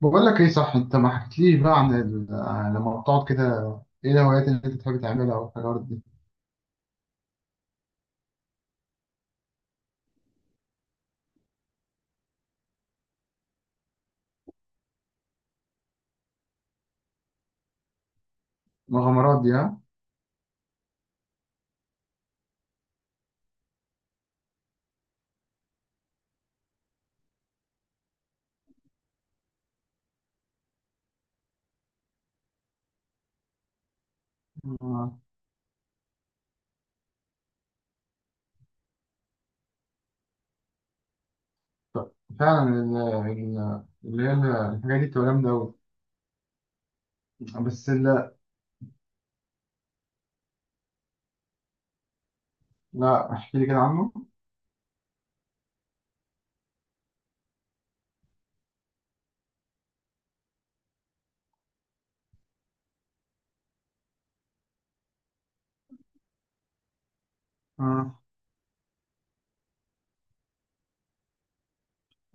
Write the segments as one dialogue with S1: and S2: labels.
S1: بقول لك ايه، صح؟ انت ما حكيتليش بقى عن عن لما بتقعد كده، ايه الهوايات اللي انت بتحب تعملها او الحاجات دي؟ المغامرات دي، ها؟ آه، فعلا ال... ال... اللي هي ال- الحاجات دي بتبقى جامده قوي. بس ال... لا، احكي لي كده عنه. اه،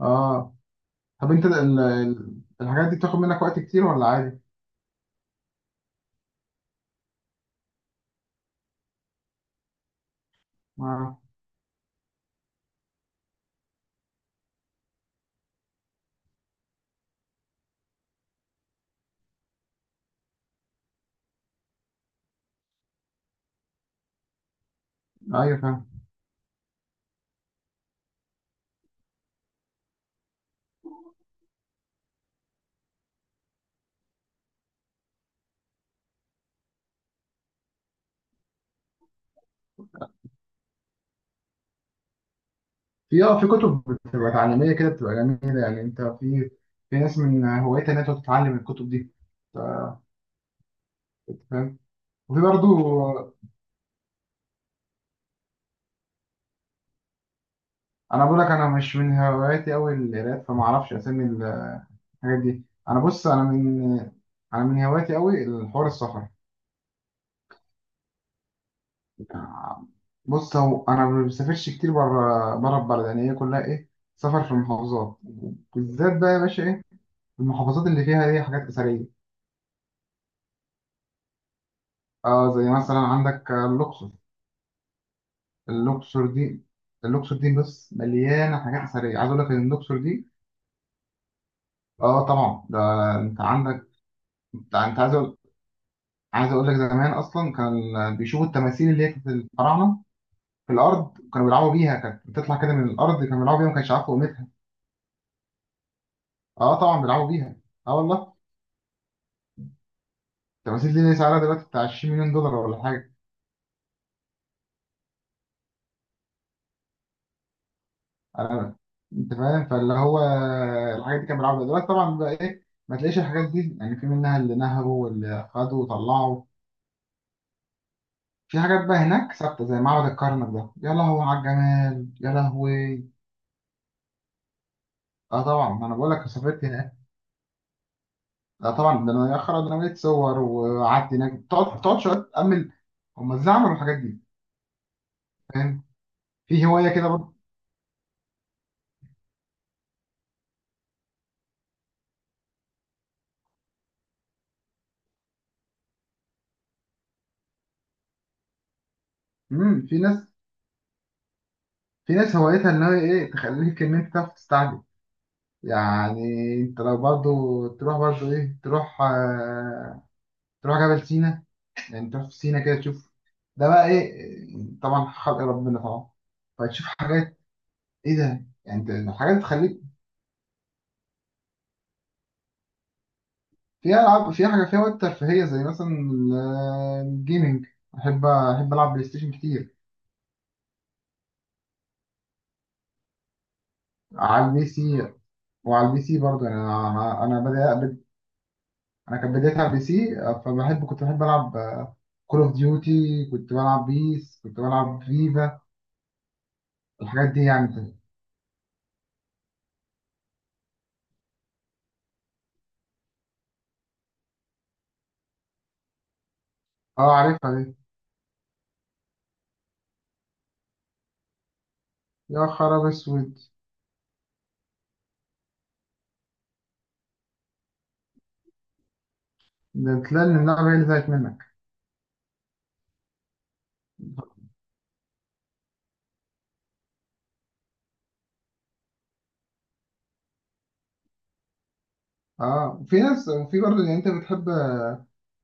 S1: اه. طب انت الحاجات دي بتاخد منك وقت كتير ولا عادي؟ آه. ايوه فاهم. في اه في كتب بتبقى تعليميه كده، بتبقى جميله. يعني انت في في ناس من هوايتها انها تقعد تتعلم الكتب دي. فاهم. وفي برضو انا بقول لك، انا مش من هواياتي قوي القراءات، فما اعرفش اسامي الحاجات دي. بص انا من انا من هواياتي قوي الحوار، السفر. يعني بص، هو انا ما بسافرش كتير بره، بره البلد يعني، هي كلها ايه، سفر في المحافظات. بالذات بقى يا باشا ايه، المحافظات اللي فيها ايه، حاجات اثريه. اه زي مثلا عندك الاقصر. الاقصر دي الاقصر دي بص مليانه حاجات اثريه. عايز اقول لك ان الاقصر دي، اه طبعا ده انت عندك انت عايز اقول لك، زمان اصلا كان بيشوفوا التماثيل اللي هي كانت الفراعنه في الارض كانوا بيلعبوا بيها، كانت بتطلع كده من الارض، كانوا بيلعبوا بيها، ما كانش عارف قيمتها. اه طبعا بيلعبوا بيها. اه والله. التماثيل دي سعرها دلوقتي بتاع 20 مليون دولار ولا حاجه. انا، انت فاهم؟ فاللي هو الحاجات دي كانوا بيلعبوا بيها. دلوقتي طبعا بقى ايه، ما تلاقيش الحاجات دي يعني، في منها اللي نهبوا واللي خدوا وطلعوا. في حاجات بقى هناك ثابته زي معبد الكرنك، ده يا لهوي على الجمال، يا لهوي. اه طبعا، ما انا بقول لك سافرت. لا طبعا، ده انا يا خرا، ده انا بقيت صور وقعدت هناك، تقعد شويه تامل هم ازاي عملوا الحاجات دي. فاهم؟ في هوايه كده برضه. في ناس، في ناس هوايتها ان هي ايه، تخليك ان انت تعرف تستعجل. يعني انت لو برضه تروح، برضه ايه، تروح تروح جبل سينا يعني، تروح في سينا كده، تشوف ده بقى ايه، طبعا خلق ربنا طبعا. فتشوف حاجات ايه ده يعني. انت حاجات تخليك، في ألعاب، في حاجة فيها وقت ترفيهية زي مثلا الجيمنج. أحب ألعب بلاي ستيشن كتير. على البي سي وعلى البي سي برضه يعني، أنا بدأ، أنا كانت بدايتي على البي سي. كنت بحب ألعب كول أوف ديوتي، كنت بلعب بيس، كنت بلعب فيفا. الحاجات دي يعني. أه عارفها دي. يا خراب أسود. ده تلاقي إن اللعبة هي اللي زهقت منك. أه في ناس. وفي برضه يعني، أنت بتحب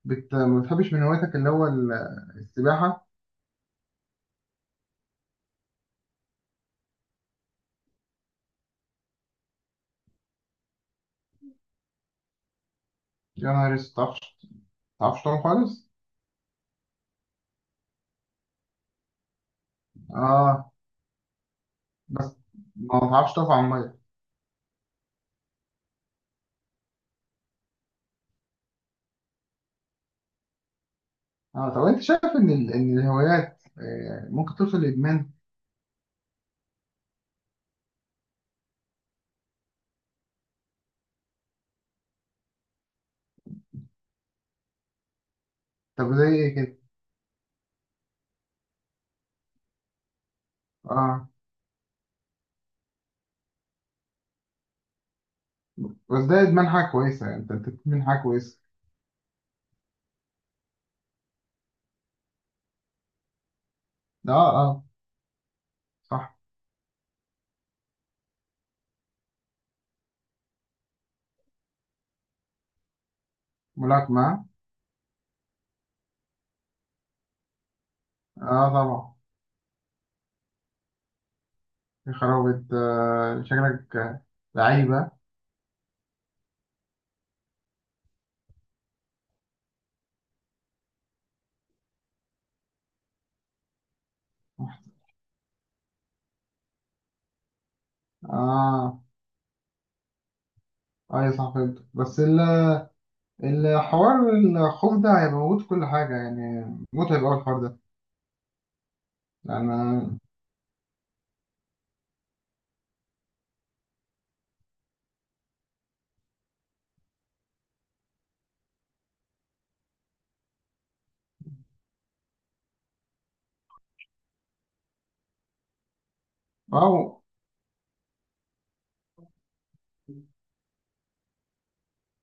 S1: ما بتحبش من هواياتك اللي هو السباحة؟ يا نهار أسود، ما تعرفش، ما تعرفش تعوم خالص؟ اه. بس ما بعرفش تقف على الميه. اه. طب انت شايف ان ان الهوايات ممكن توصل لادمان؟ طب زي ايه كده؟ اه. بس ده ادمان حاجه كويسه يعني، انت أنت بتدمن حاجه كويسه. اه. اه، صح. ملاكمه. اه، طبعا. يا خرابي آه، شكلك لعيبه. اه، ايوه صح فهمت. الحوار، الخوف ده هيبقى موجود في كل حاجه يعني. متعب قوي الحوار ده يعني. اه،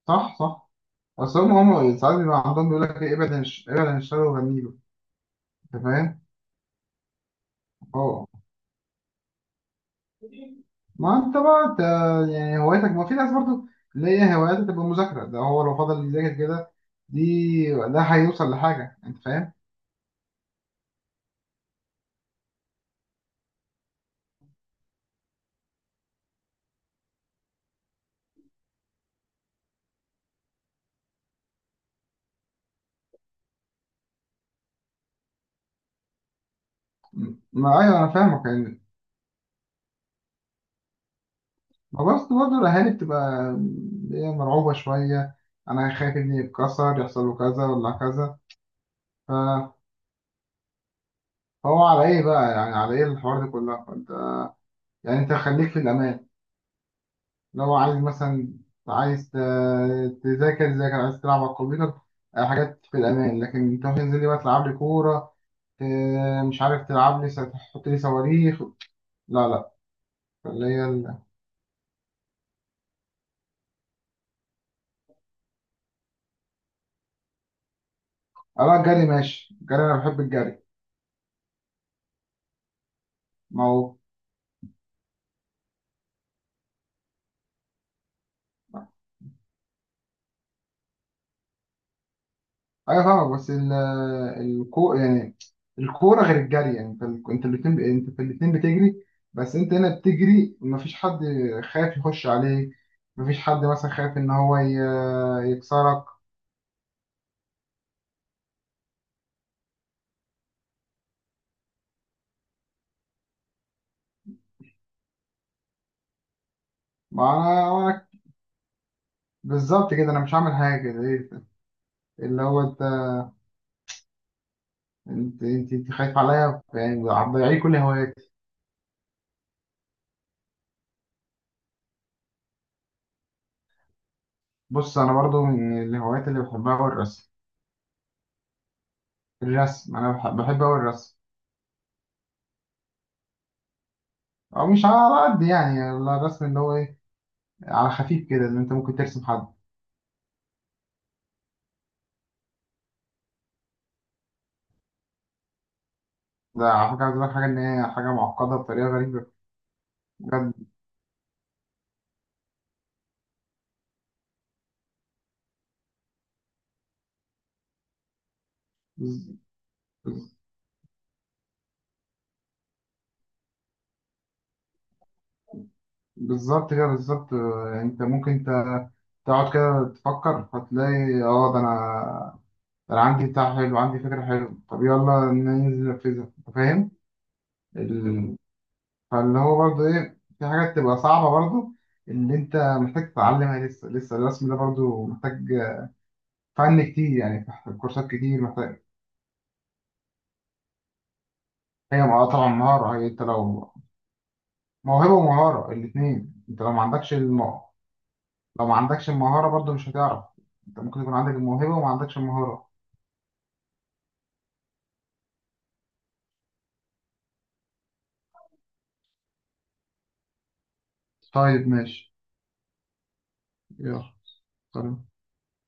S1: صح، صح. اصل هم ساعات بيبقى عندهم بيقول لك ابعد عن ابعد عن الشر وغني له. انت فاهم؟ اه. ما انت بقى انت، يعني هوايتك، ما في ناس برضو اللي هي هواياتها تبقى مذاكرة، ده هو لو فضل يذاكر كده ده هيوصل لحاجة. انت فاهم؟ ما ايوه انا فاهمك يعني. ما بس برضه الاهالي بتبقى اللي هي مرعوبة شوية، انا خايف ابني يتكسر، يحصل له كذا ولا كذا. ف- فهو على ايه بقى يعني، على ايه الحوار ده كله؟ يعني انت خليك في الامان. لو عايز مثلا، عايز تذاكر، ذاكر. عايز تلعب على الكمبيوتر، آه، حاجات في الأمان. لكن تروح تنزل لي بقى تلعب لي كورة، آه، مش عارف، تلعب لي تحط لي صواريخ، لا لا. اللي هي أنا الجري ماشي، الجري أنا بحب الجري. ما هو أيوة فاهمك. بس ال... الكو يعني الكورة غير الجري يعني، أنت أنت الاتنين أنت في الاتنين بتجري، بس أنت هنا بتجري مفيش حد خايف يخش عليك، مفيش حد مثلا خايف إن هو يكسرك. ما انا بالظبط كده، انا مش هعمل حاجه زي اللي هو انت، انت خايف عليا، يعني هتضيعي كل هواياتي. بص انا برضو من الهوايات اللي بحبها هو الرسم. الرسم، انا بحب اوي الرسم. او مش على قد يعني، على الرسم اللي هو ايه، على خفيف كده، اللي انت ممكن ترسم حد. ده على فكره عايز أقول لك حاجه، ان هي حاجه معقده بطريقه غريبه. بجد. بز- بز- بالظبط كده، بالظبط. آه، انت ممكن تقعد كده تفكر، هتلاقي اه ده انا عندي بتاع حلو، عندي فكره حلوه. طب يلا ننزل ننفذها. انت فاهم؟ ال... فاللي هو برضه ايه، في حاجات تبقى صعبه برضه اللي انت محتاج تتعلمها لسه. لسه الرسم ده برضه محتاج فن كتير يعني، محتاج كورسات كتير، محتاج. طبعا مهاره. هي انت لو موهبه ومهاره الاثنين، انت لو ما عندكش لو ما عندكش المهاره برضه مش هتعرف. انت ممكن يكون عندك الموهبه وما عندكش المهاره. طيب ماشي. يلا. سلام.